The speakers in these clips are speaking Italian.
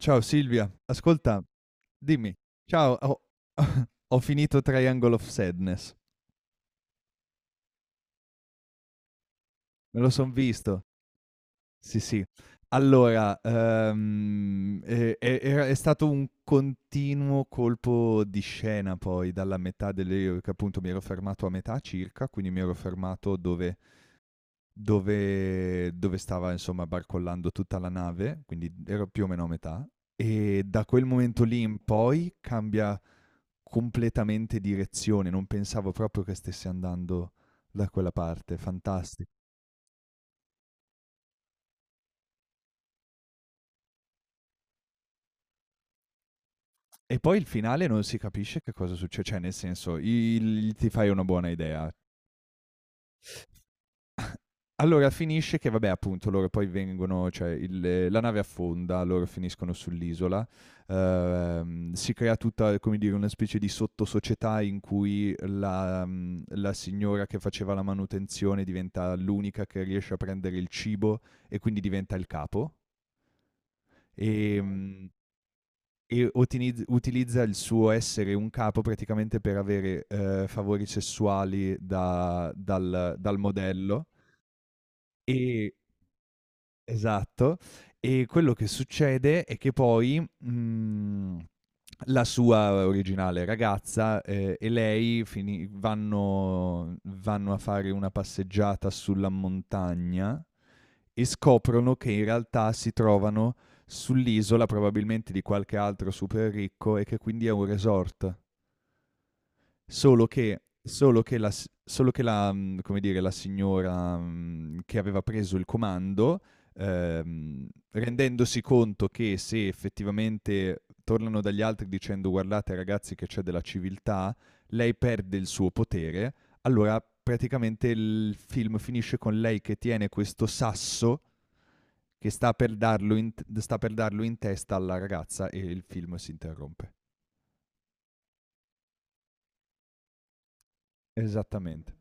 Ciao Silvia, ascolta, dimmi, ciao, ho finito Triangle of Sadness, me lo son visto, sì, sì. Allora, è stato un continuo colpo di scena poi dalla metà delle, che appunto mi ero fermato a metà circa, quindi mi ero fermato dove stava insomma barcollando tutta la nave, quindi ero più o meno a metà, e da quel momento lì in poi cambia completamente direzione, non pensavo proprio che stesse andando da quella parte, fantastico. E poi il finale non si capisce che cosa succede, cioè nel senso, ti fai una buona idea. Allora finisce che vabbè appunto loro poi vengono, cioè la nave affonda, loro finiscono sull'isola, si crea tutta come dire una specie di sottosocietà in cui la signora che faceva la manutenzione diventa l'unica che riesce a prendere il cibo e quindi diventa il capo. Ehm, e utilizza il suo essere un capo praticamente per avere, favori sessuali da dal dal modello e. Esatto. E quello che succede è che poi, la sua originale ragazza, e lei fini vanno a fare una passeggiata sulla montagna e scoprono che in realtà si trovano sull'isola probabilmente di qualche altro super ricco e che quindi è un resort. Solo che la come dire, la signora, che aveva preso il comando, rendendosi conto che se effettivamente tornano dagli altri dicendo: "Guardate ragazzi che c'è della civiltà", lei perde il suo potere, allora praticamente il film finisce con lei che tiene questo sasso che sta per darlo in t sta per darlo in testa alla ragazza e il film si interrompe. Esattamente.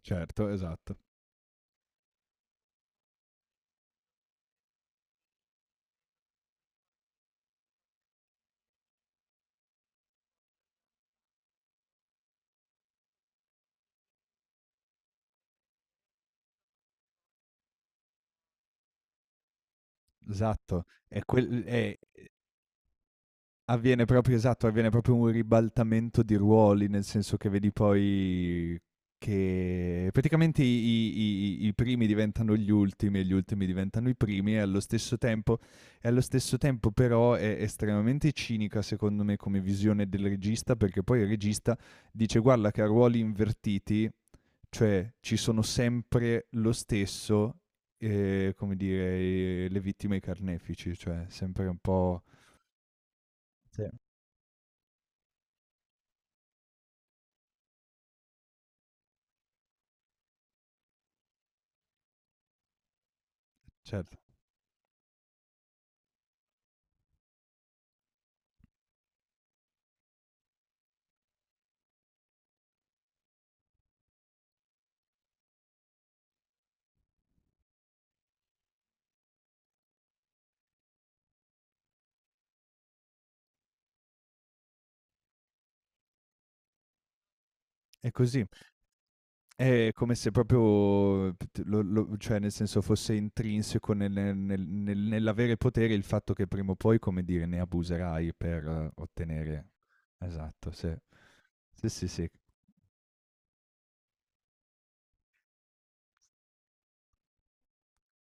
Certo, esatto. Esatto, è quel è avviene proprio un ribaltamento di ruoli, nel senso che vedi poi che praticamente i primi diventano gli ultimi e gli ultimi diventano i primi e allo stesso tempo però è estremamente cinica, secondo me, come visione del regista, perché poi il regista dice: "Guarda che a ruoli invertiti." Cioè ci sono sempre lo stesso, come dire, le vittime e i carnefici, cioè sempre un po'. Sì. Certo, è così. È come se proprio, cioè nel senso fosse intrinseco nell'avere potere il fatto che prima o poi, come dire, ne abuserai per ottenere. Esatto, sì. Sì, sì, sì.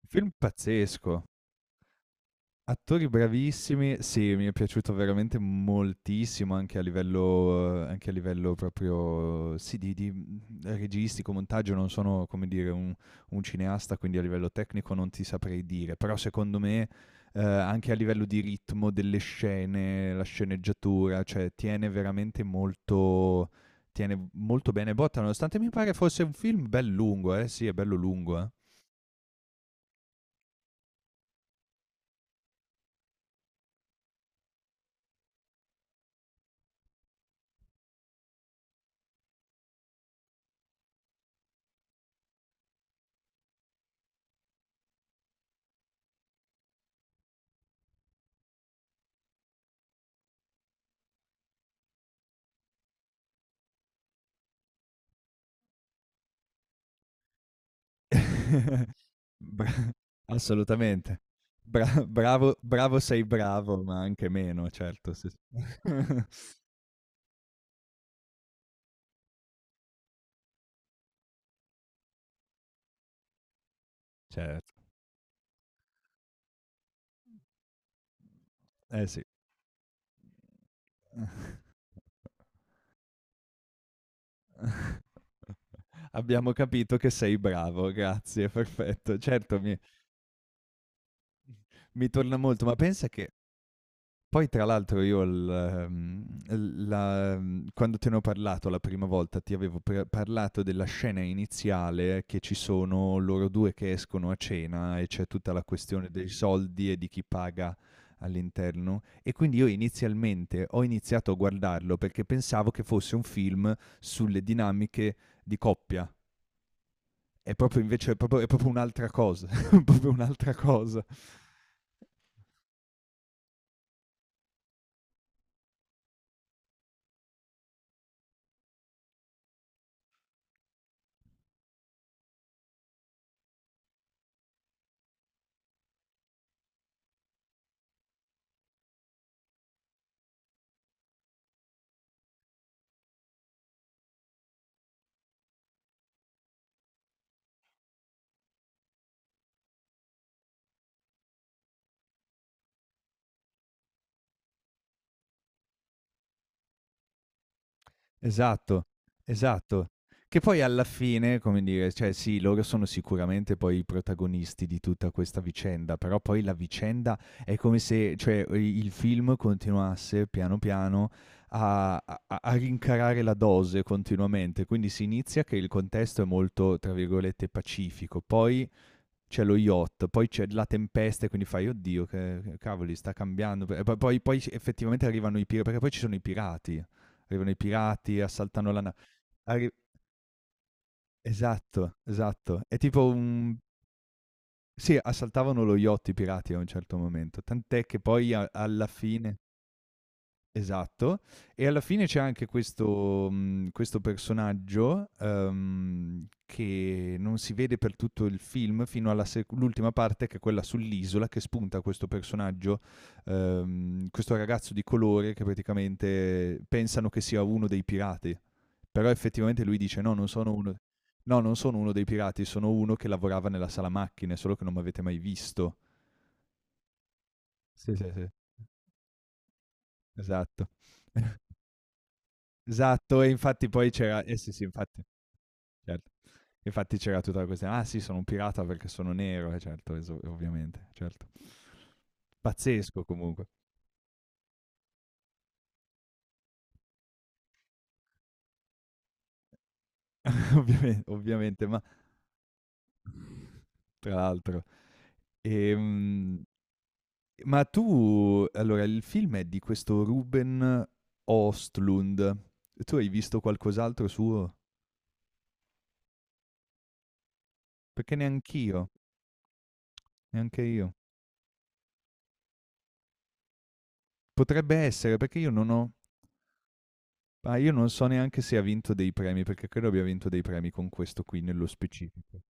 Film pazzesco. Attori bravissimi, sì, mi è piaciuto veramente moltissimo anche a livello proprio, sì, di registico, montaggio, non sono, come dire, un cineasta, quindi a livello tecnico non ti saprei dire, però secondo me, anche a livello di ritmo delle scene, la sceneggiatura, cioè tiene molto bene botta, nonostante mi pare fosse un film bel lungo, sì, è bello lungo, eh. Bra assolutamente. Bravo, sei bravo, ma anche meno, certo, sì, sì. Certo, eh sì. Abbiamo capito che sei bravo, grazie, perfetto. Certo, mi torna molto, ma pensa che poi tra l'altro quando te ne ho parlato la prima volta ti avevo parlato della scena iniziale che ci sono loro due che escono a cena e c'è tutta la questione dei soldi e di chi paga all'interno e quindi io inizialmente ho iniziato a guardarlo perché pensavo che fosse un film sulle dinamiche di coppia. È proprio un'altra cosa, è proprio un'altra cosa. Esatto, esatto. Che poi alla fine, come dire, cioè sì, loro sono sicuramente poi i protagonisti di tutta questa vicenda, però poi la vicenda è come se, cioè, i il film continuasse piano piano a rincarare la dose continuamente. Quindi si inizia che il contesto è molto, tra virgolette, "pacifico", poi c'è lo yacht, poi c'è la tempesta e quindi fai, oddio, che cavoli, sta cambiando. E poi effettivamente arrivano i pirati, perché poi ci sono i pirati. Arrivano i pirati, assaltano la nave. Arri- Esatto, esatto. È tipo un. Sì, assaltavano lo yacht i pirati a un certo momento, tant'è che poi alla fine. Esatto, e alla fine c'è anche questo personaggio che non si vede per tutto il film fino all'ultima parte che è quella sull'isola che spunta questo personaggio, questo ragazzo di colore che praticamente pensano che sia uno dei pirati, però effettivamente lui dice no, non sono uno, no, non sono uno dei pirati, sono uno che lavorava nella sala macchine, solo che non mi avete mai visto. Sì, sì, sì, sì, esatto. Esatto, e infatti poi c'era eh sì, sì, infatti, certo. Infatti c'era tutta la questione: "Ah sì, sono un pirata perché sono nero", eh certo, eso ovviamente, certo. Pazzesco comunque, ovviamente, ma tra l'altro. Ehm, ma tu allora il film è di questo Ruben Östlund. Tu hai visto qualcos'altro suo? Perché neanche io. Potrebbe essere, perché io non ho. Ah, io non so neanche se ha vinto dei premi, perché credo abbia vinto dei premi con questo qui nello specifico.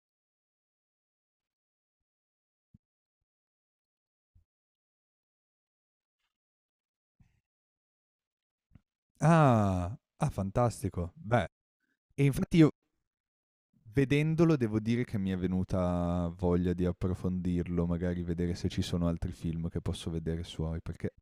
Ah, ah, fantastico. Beh, e infatti io vedendolo devo dire che mi è venuta voglia di approfondirlo, magari vedere se ci sono altri film che posso vedere suoi, perché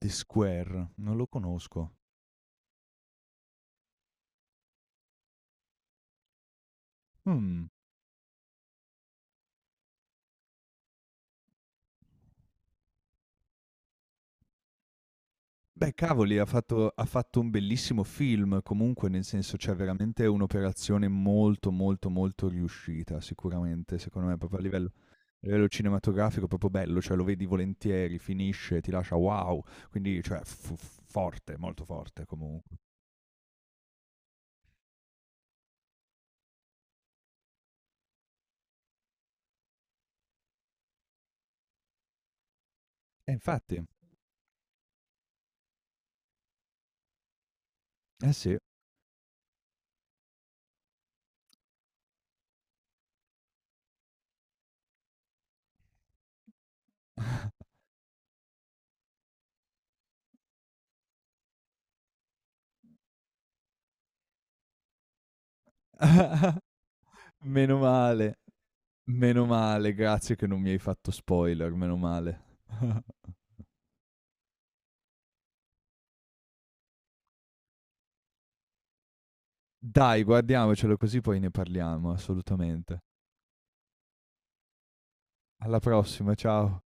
The Square non lo conosco. Mm. Beh, cavoli, ha fatto un bellissimo film comunque, nel senso, cioè veramente un'operazione molto, molto, molto riuscita sicuramente, secondo me, proprio a livello cinematografico proprio bello, cioè lo vedi volentieri, finisce, ti lascia wow, quindi cioè f f forte, molto forte comunque. Infatti, eh sì. Meno male, meno male, grazie che non mi hai fatto spoiler, meno male. Dai, guardiamocelo così poi ne parliamo, assolutamente. Alla prossima, ciao.